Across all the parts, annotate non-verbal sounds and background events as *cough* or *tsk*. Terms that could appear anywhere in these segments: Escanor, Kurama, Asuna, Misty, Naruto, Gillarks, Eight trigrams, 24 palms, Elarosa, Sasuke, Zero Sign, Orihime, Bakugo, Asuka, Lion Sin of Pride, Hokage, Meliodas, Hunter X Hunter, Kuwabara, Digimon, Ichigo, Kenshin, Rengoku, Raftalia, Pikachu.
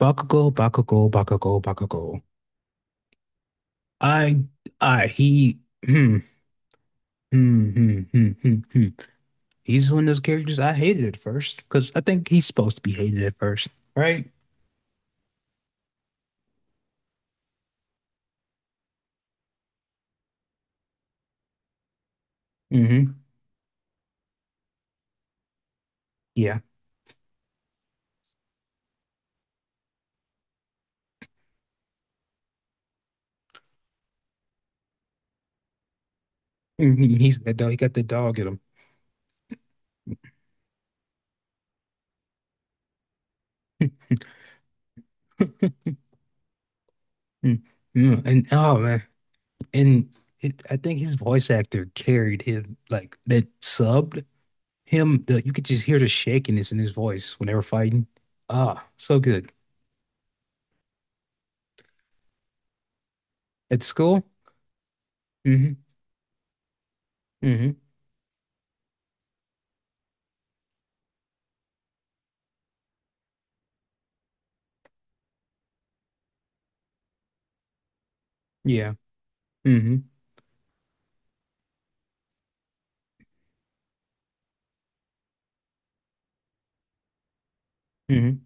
Bakugo, Bakugo, Bakugo, Bakugo. I, I, he, hmm, hmm, hmm, hmm, hmm, hmm. He's one of those characters I hated at first because I think he's supposed to be hated at first, right? Mm-hmm. Yeah. Mhm. He's that dog. He got the dog in him. Mm-hmm. And oh man, and I think his voice actor carried him like that subbed him. You could just hear the shakiness in his voice when they were fighting. Ah, so good at school. Mm-hmm. Mm-hmm. Yeah. Mhm. Hmm.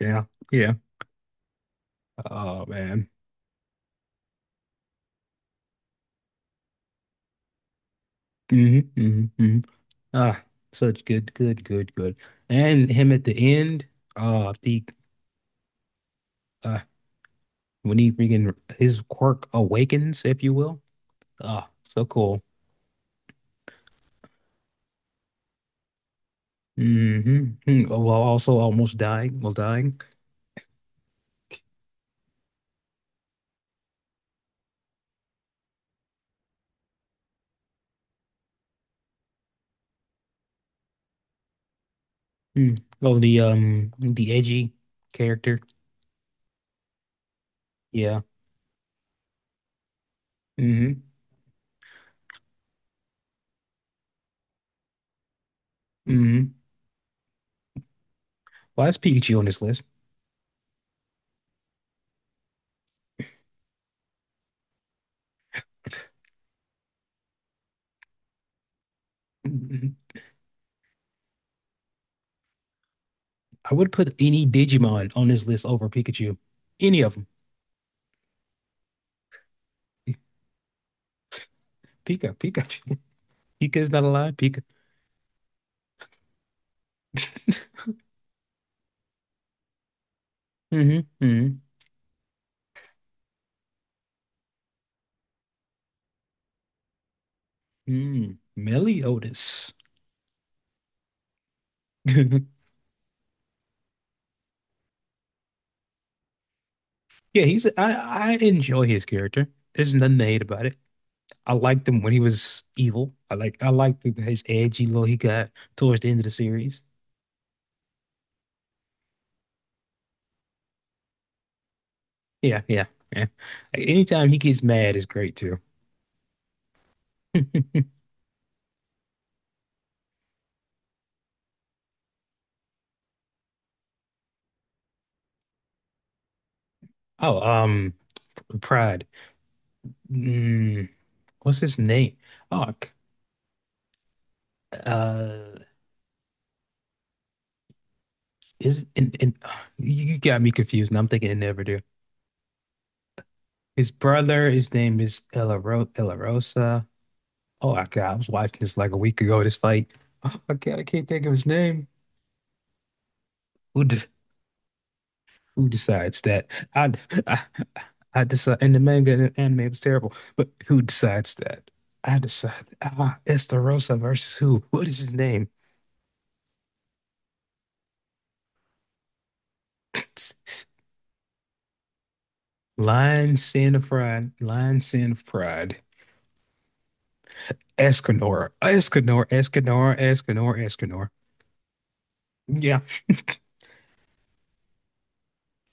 Yeah. Yeah. Oh man. hmm hmm hmm Ah, such good, good, good, good. And him at the end, the uh, when he freaking his quirk awakens, if you will. Ah, so cool. Mm-hmm. Oh, well, also almost dying, almost dying. Mm. Oh, the edgy character. Yeah. hmm hmm Well, that's Pikachu on this list. Mhm. I would put any Digimon on this list over Pikachu. Any of them. Pika, Pika, *laughs* Pika is not alive. Pika. *laughs* hmm hmm Mm. Meliodas. *laughs* Yeah, he's. I enjoy his character. There's nothing to hate about it. I liked him when he was evil. I like. I liked the- his edgy look he got towards the end of the series. Yeah, yeah, yeah. Like, anytime he gets mad is great too. Oh, P- Pride. Mm, what's his name? Oh, uh, is and *sighs* you got me confused. And I'm thinking it never do. His brother, his name is Elarosa. Elarosa. Oh my, I was watching this like a week ago, this fight. *laughs* Oh God, I can't think of his name. Who de who decides that? I I, I decide in the manga and the anime it was terrible, but who decides that? I decide it's the Rosa versus who? What is his name? *laughs* *tsk* Lion Sin of Pride. Lion Sin of Pride. Escanor. Escanor. Escanor. Escanor. Escanor. Yeah.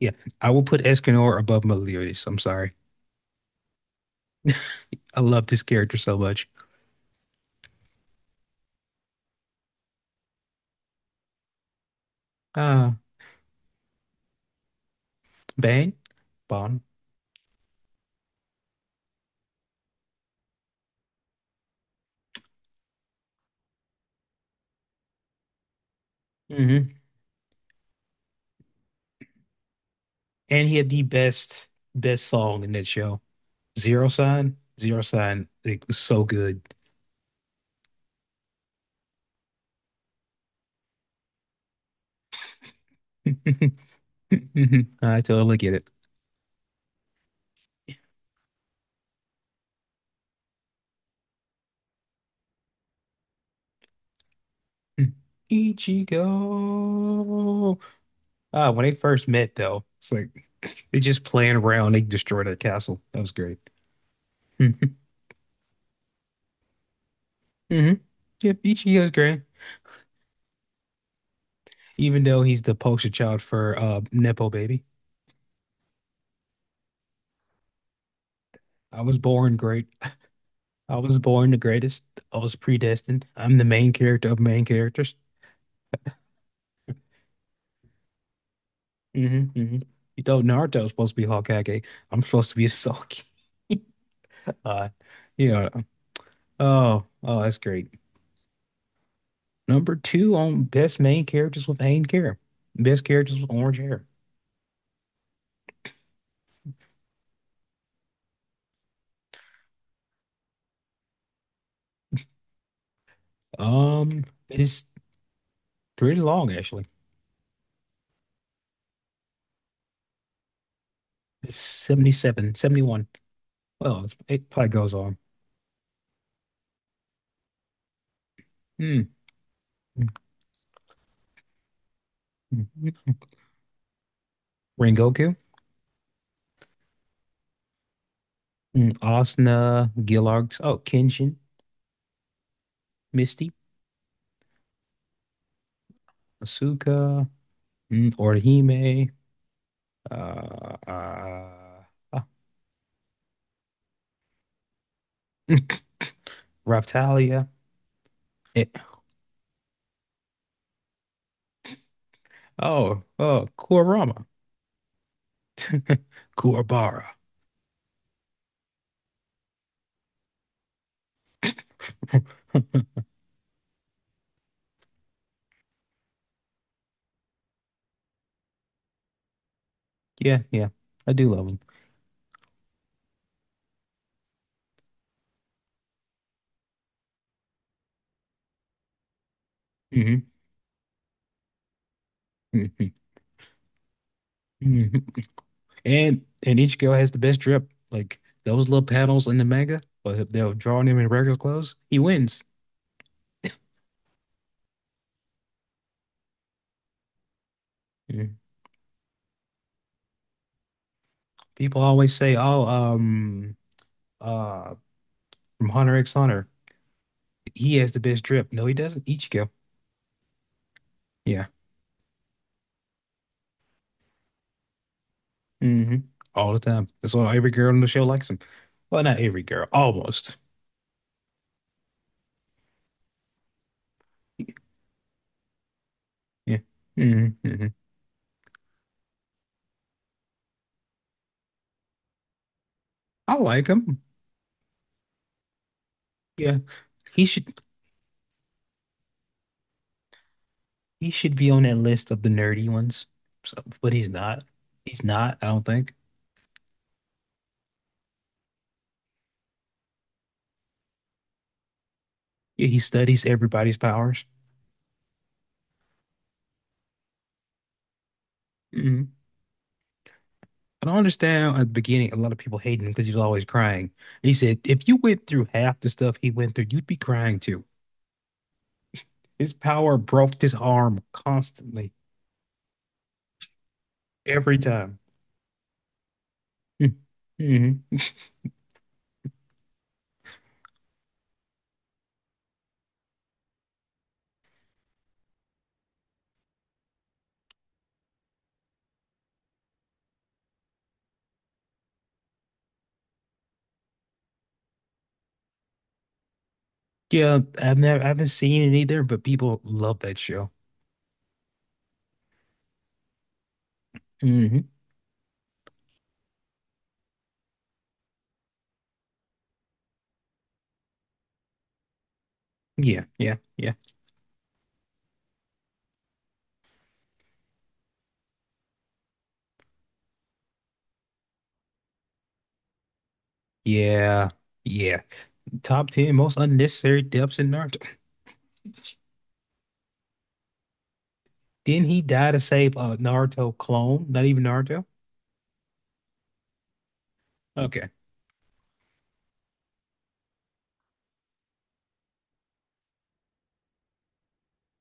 Yeah. I will put Escanor above Meliodas. I'm sorry. I loved his character so much. Uh, Bang, Bond. hmm And he had the best, best song in that show. Zero Sign, Zero Sign. It was so good. *laughs* I totally get it. Ichigo. Ah, when they first met, though, it's like they just playing around. They destroyed a castle. That was great. *laughs* Mm-hmm. Yep, Ichigo's great. Even though he's the poster child for Nepo Baby. I was born great. I was born the greatest. I was predestined. I'm the main character of main characters. hmm hmm You thought Naruto was supposed to be Hokage. I'm supposed to be a Sasuke. *laughs* Uh, yeah. Oh, oh, that's great. Number two on best main characters with Hayden hair. Best characters with orange hair. It's pretty long actually. It's 77, 71. Well, it probably goes on. Hmm. Mm, mm, mm. Rengoku, Asuna, Gillarks, oh, Kenshin, Misty. Asuka, Orihime, uh, uh, uh, Raftalia. Eh, oh, oh, Kurama, Kuwabara. *laughs* Yeah, yeah, I do love him. Mm-hmm. hmm hmm and each girl has the best drip. Like those little panels in the manga, but they'll draw him in regular clothes. He wins. Mhm. People always say, "Oh, uh, from Hunter X Hunter, he has the best drip." No, he doesn't. Ichigo. Yeah. hmm All the time. That's why every girl on the show likes him. Well, not every girl, almost. Yeah. hmm hmm I like him. Yeah. He should he should be on that list of the nerdy ones. So, but he's not. He's not, I don't think. Yeah, he studies everybody's powers. hmm I don't understand at the beginning a lot of people hating him because he's always crying. He said, if you went through half the stuff he went through, you'd be crying too. His power broke his arm constantly, every time. Hmm. Yeah, I haven't seen it either, but people love that show. Hmm. Yeah, yeah, yeah, yeah, yeah. Top 10 most unnecessary deaths in Naruto. Didn't he die to save a Naruto clone? Not even Naruto? Okay.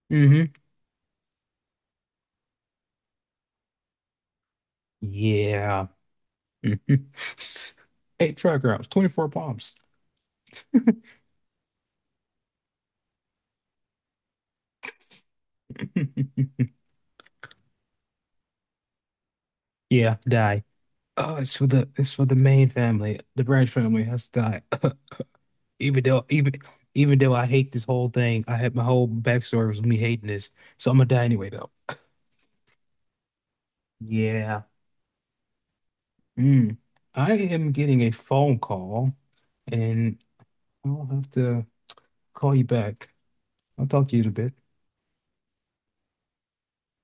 Hmm. Yeah. Mhm. *laughs* Eight trigrams, 24 palms. *laughs* Yeah, die. Oh, it's for the main family. The branch family has to die. *laughs* even though even even though I hate this whole thing, I had my whole backstory was me hating this, so I'm gonna die anyway though. *laughs* Yeah. Mm. I am getting a phone call, and I'll have to call you back. I'll talk to you in a bit.